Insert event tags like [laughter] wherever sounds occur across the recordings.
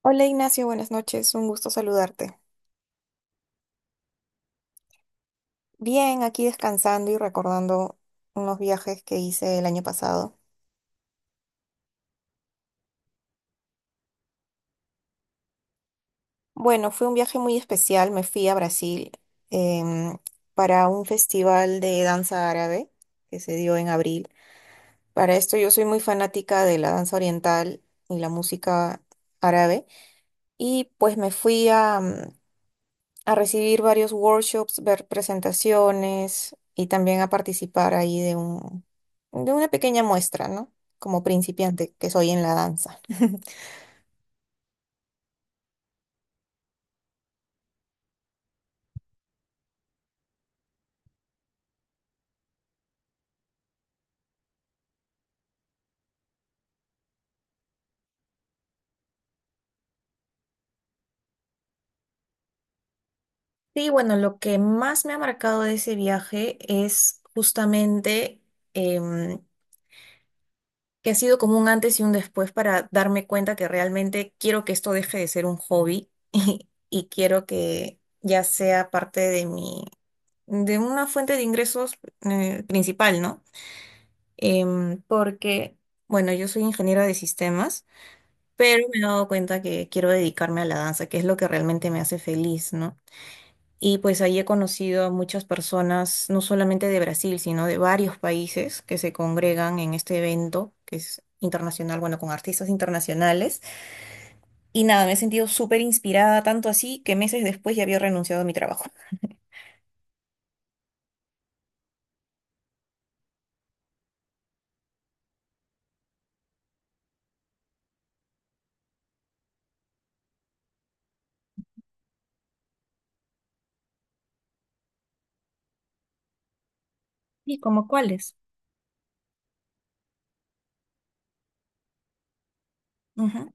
Hola Ignacio, buenas noches, un gusto saludarte. Bien, aquí descansando y recordando unos viajes que hice el año pasado. Bueno, fue un viaje muy especial, me fui a Brasil em, para un festival de danza árabe que se dio en abril. Para esto yo soy muy fanática de la danza oriental y la música árabe y pues me fui a recibir varios workshops, ver presentaciones y también a participar ahí de una pequeña muestra, ¿no? Como principiante que soy en la danza. [laughs] Sí, bueno, lo que más me ha marcado de ese viaje es justamente em, que ha sido como un antes y un después para darme cuenta que realmente quiero que esto deje de ser un hobby [laughs] y quiero que ya sea parte de mi, de una fuente de ingresos principal, ¿no? Porque, bueno, yo soy ingeniera de sistemas, pero me he dado cuenta que quiero dedicarme a la danza, que es lo que realmente me hace feliz, ¿no? Y pues ahí he conocido a muchas personas, no solamente de Brasil, sino de varios países que se congregan en este evento, que es internacional, bueno, con artistas internacionales. Y nada, me he sentido súper inspirada, tanto así que meses después ya había renunciado a mi trabajo. ¿Y como cuáles? Ujú.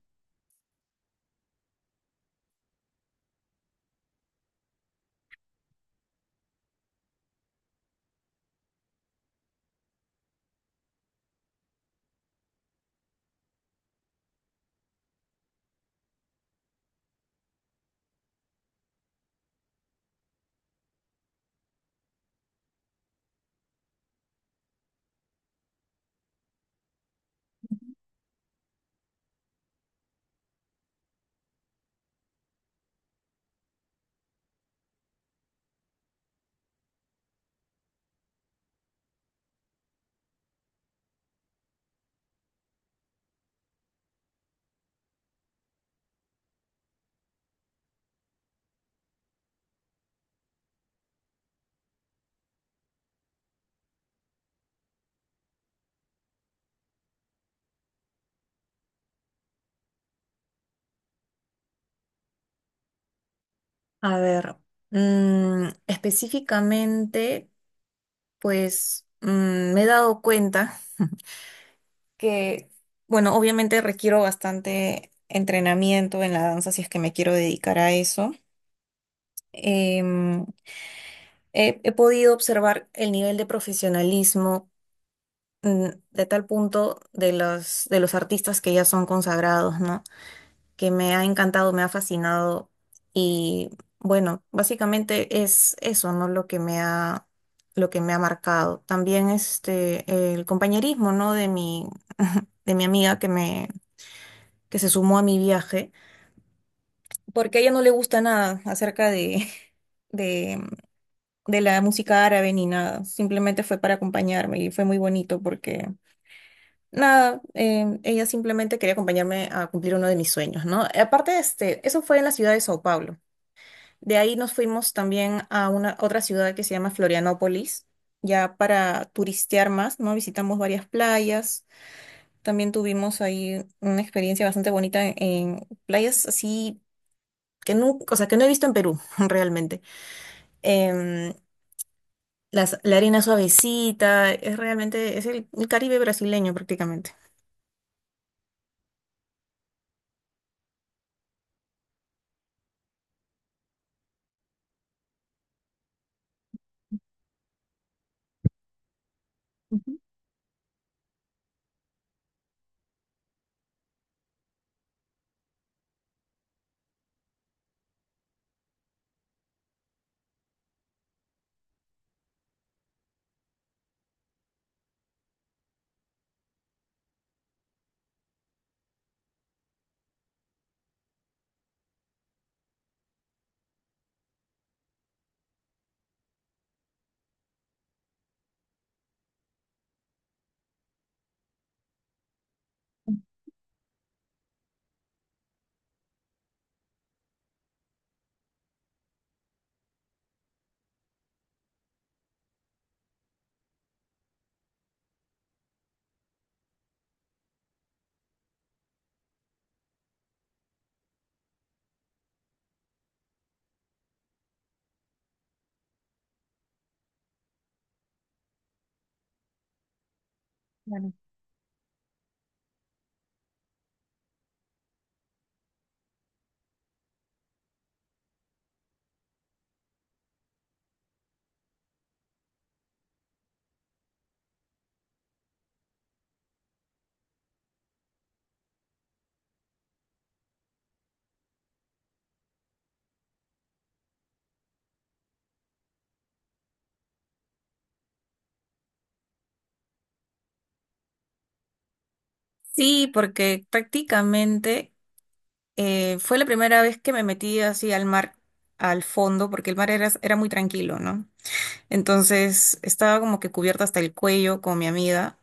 A ver, mm, específicamente. Pues mm, me he dado cuenta que, bueno, obviamente requiero bastante entrenamiento en la danza si es que me quiero dedicar a eso. Em, he podido observar el nivel de profesionalismo mm, de tal punto de los artistas que ya son consagrados, ¿no? Que me ha encantado, me ha fascinado y bueno, básicamente es eso, ¿no? Lo que me ha marcado. También este, el compañerismo, ¿no? [laughs] De mi amiga que se sumó a mi viaje, porque a ella no le gusta nada [laughs] de, de la música árabe ni nada, simplemente fue para acompañarme y fue muy bonito porque nada, ella simplemente quería acompañarme a cumplir uno de mis sueños, ¿no? Aparte, este, eso fue en la ciudad de Sao Paulo. De ahí nos fuimos también a una otra ciudad que se llama Florianópolis, ya para turistear más, ¿no? Visitamos varias playas. También tuvimos ahí una experiencia bastante bonita en playas así que no, o sea, que no he visto en Perú, [laughs] realmente. Em, la arena suavecita, es realmente, es el Caribe brasileño prácticamente. Ujú, claro. Sí, porque prácticamente fue la primera vez que me metí así al mar, al fondo, porque el mar era muy tranquilo, ¿no? Entonces estaba como que cubierta hasta el cuello con mi amiga.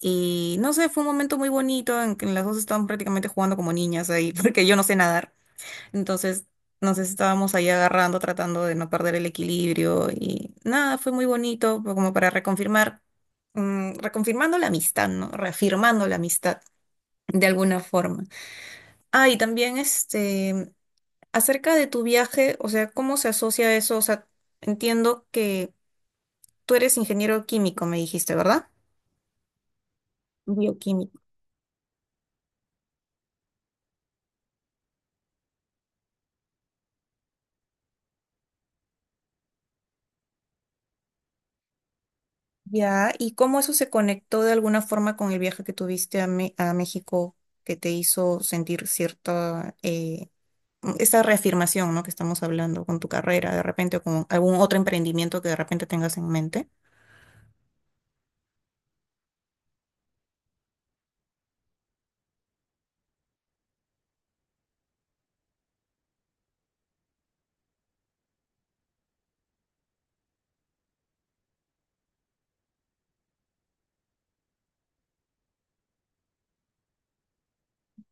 Y no sé, fue un momento muy bonito en que las dos estábamos prácticamente jugando como niñas ahí, [laughs] porque yo no sé nadar. Entonces nos estábamos ahí agarrando, tratando de no perder el equilibrio. Y nada, fue muy bonito, fue como para reconfirmar, mm, reconfirmando la amistad, ¿no? Reafirmando la amistad de alguna forma. Ah, y también este, acerca de tu viaje, o sea, ¿cómo se asocia eso? O sea, entiendo que tú eres ingeniero químico, me dijiste, ¿verdad? Bioquímico. Ya, ¿y cómo eso se conectó de alguna forma con el viaje que tuviste a, a México que te hizo sentir cierta, esta reafirmación, ¿no? Que estamos hablando con tu carrera de repente o con algún otro emprendimiento que de repente tengas en mente?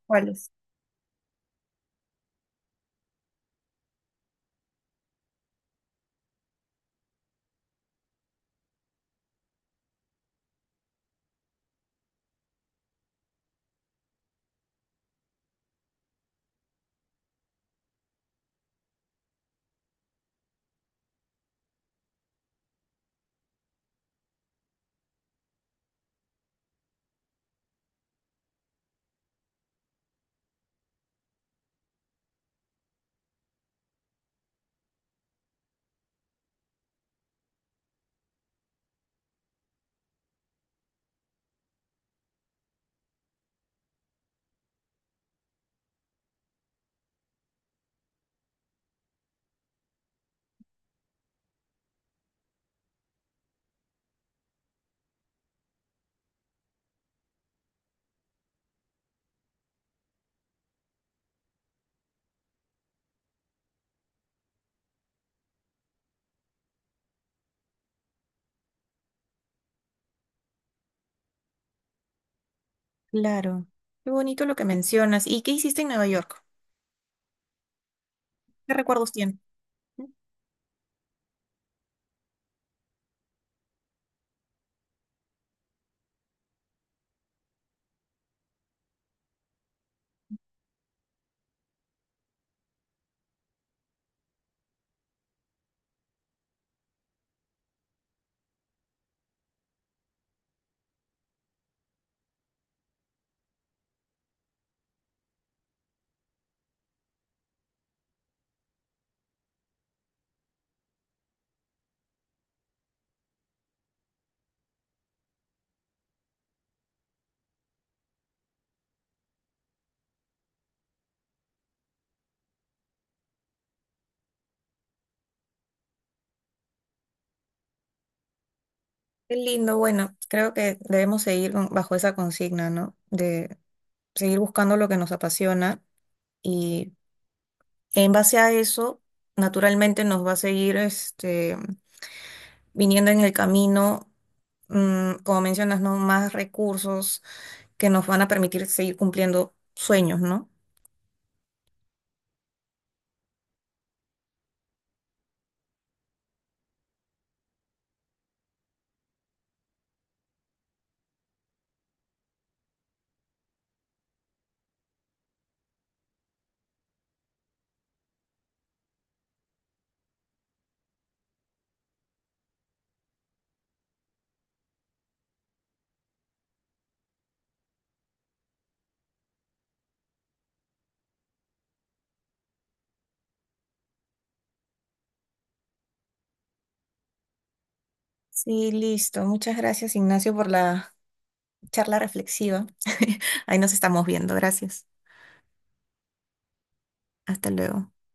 ¿Cuáles? Claro, qué bonito lo que mencionas. ¿Y qué hiciste en Nueva York? ¿Qué recuerdos tienes? Qué lindo, bueno, creo que debemos bajo esa consigna, ¿no? De seguir buscando lo que nos apasiona y en base a eso, naturalmente nos va a seguir viniendo en el camino, mm, como mencionas, ¿no? Más recursos que nos van a permitir seguir cumpliendo sueños, ¿no? Sí, listo. Muchas gracias, Ignacio, por la charla reflexiva. [laughs] Ahí nos estamos viendo. Gracias. Hasta luego.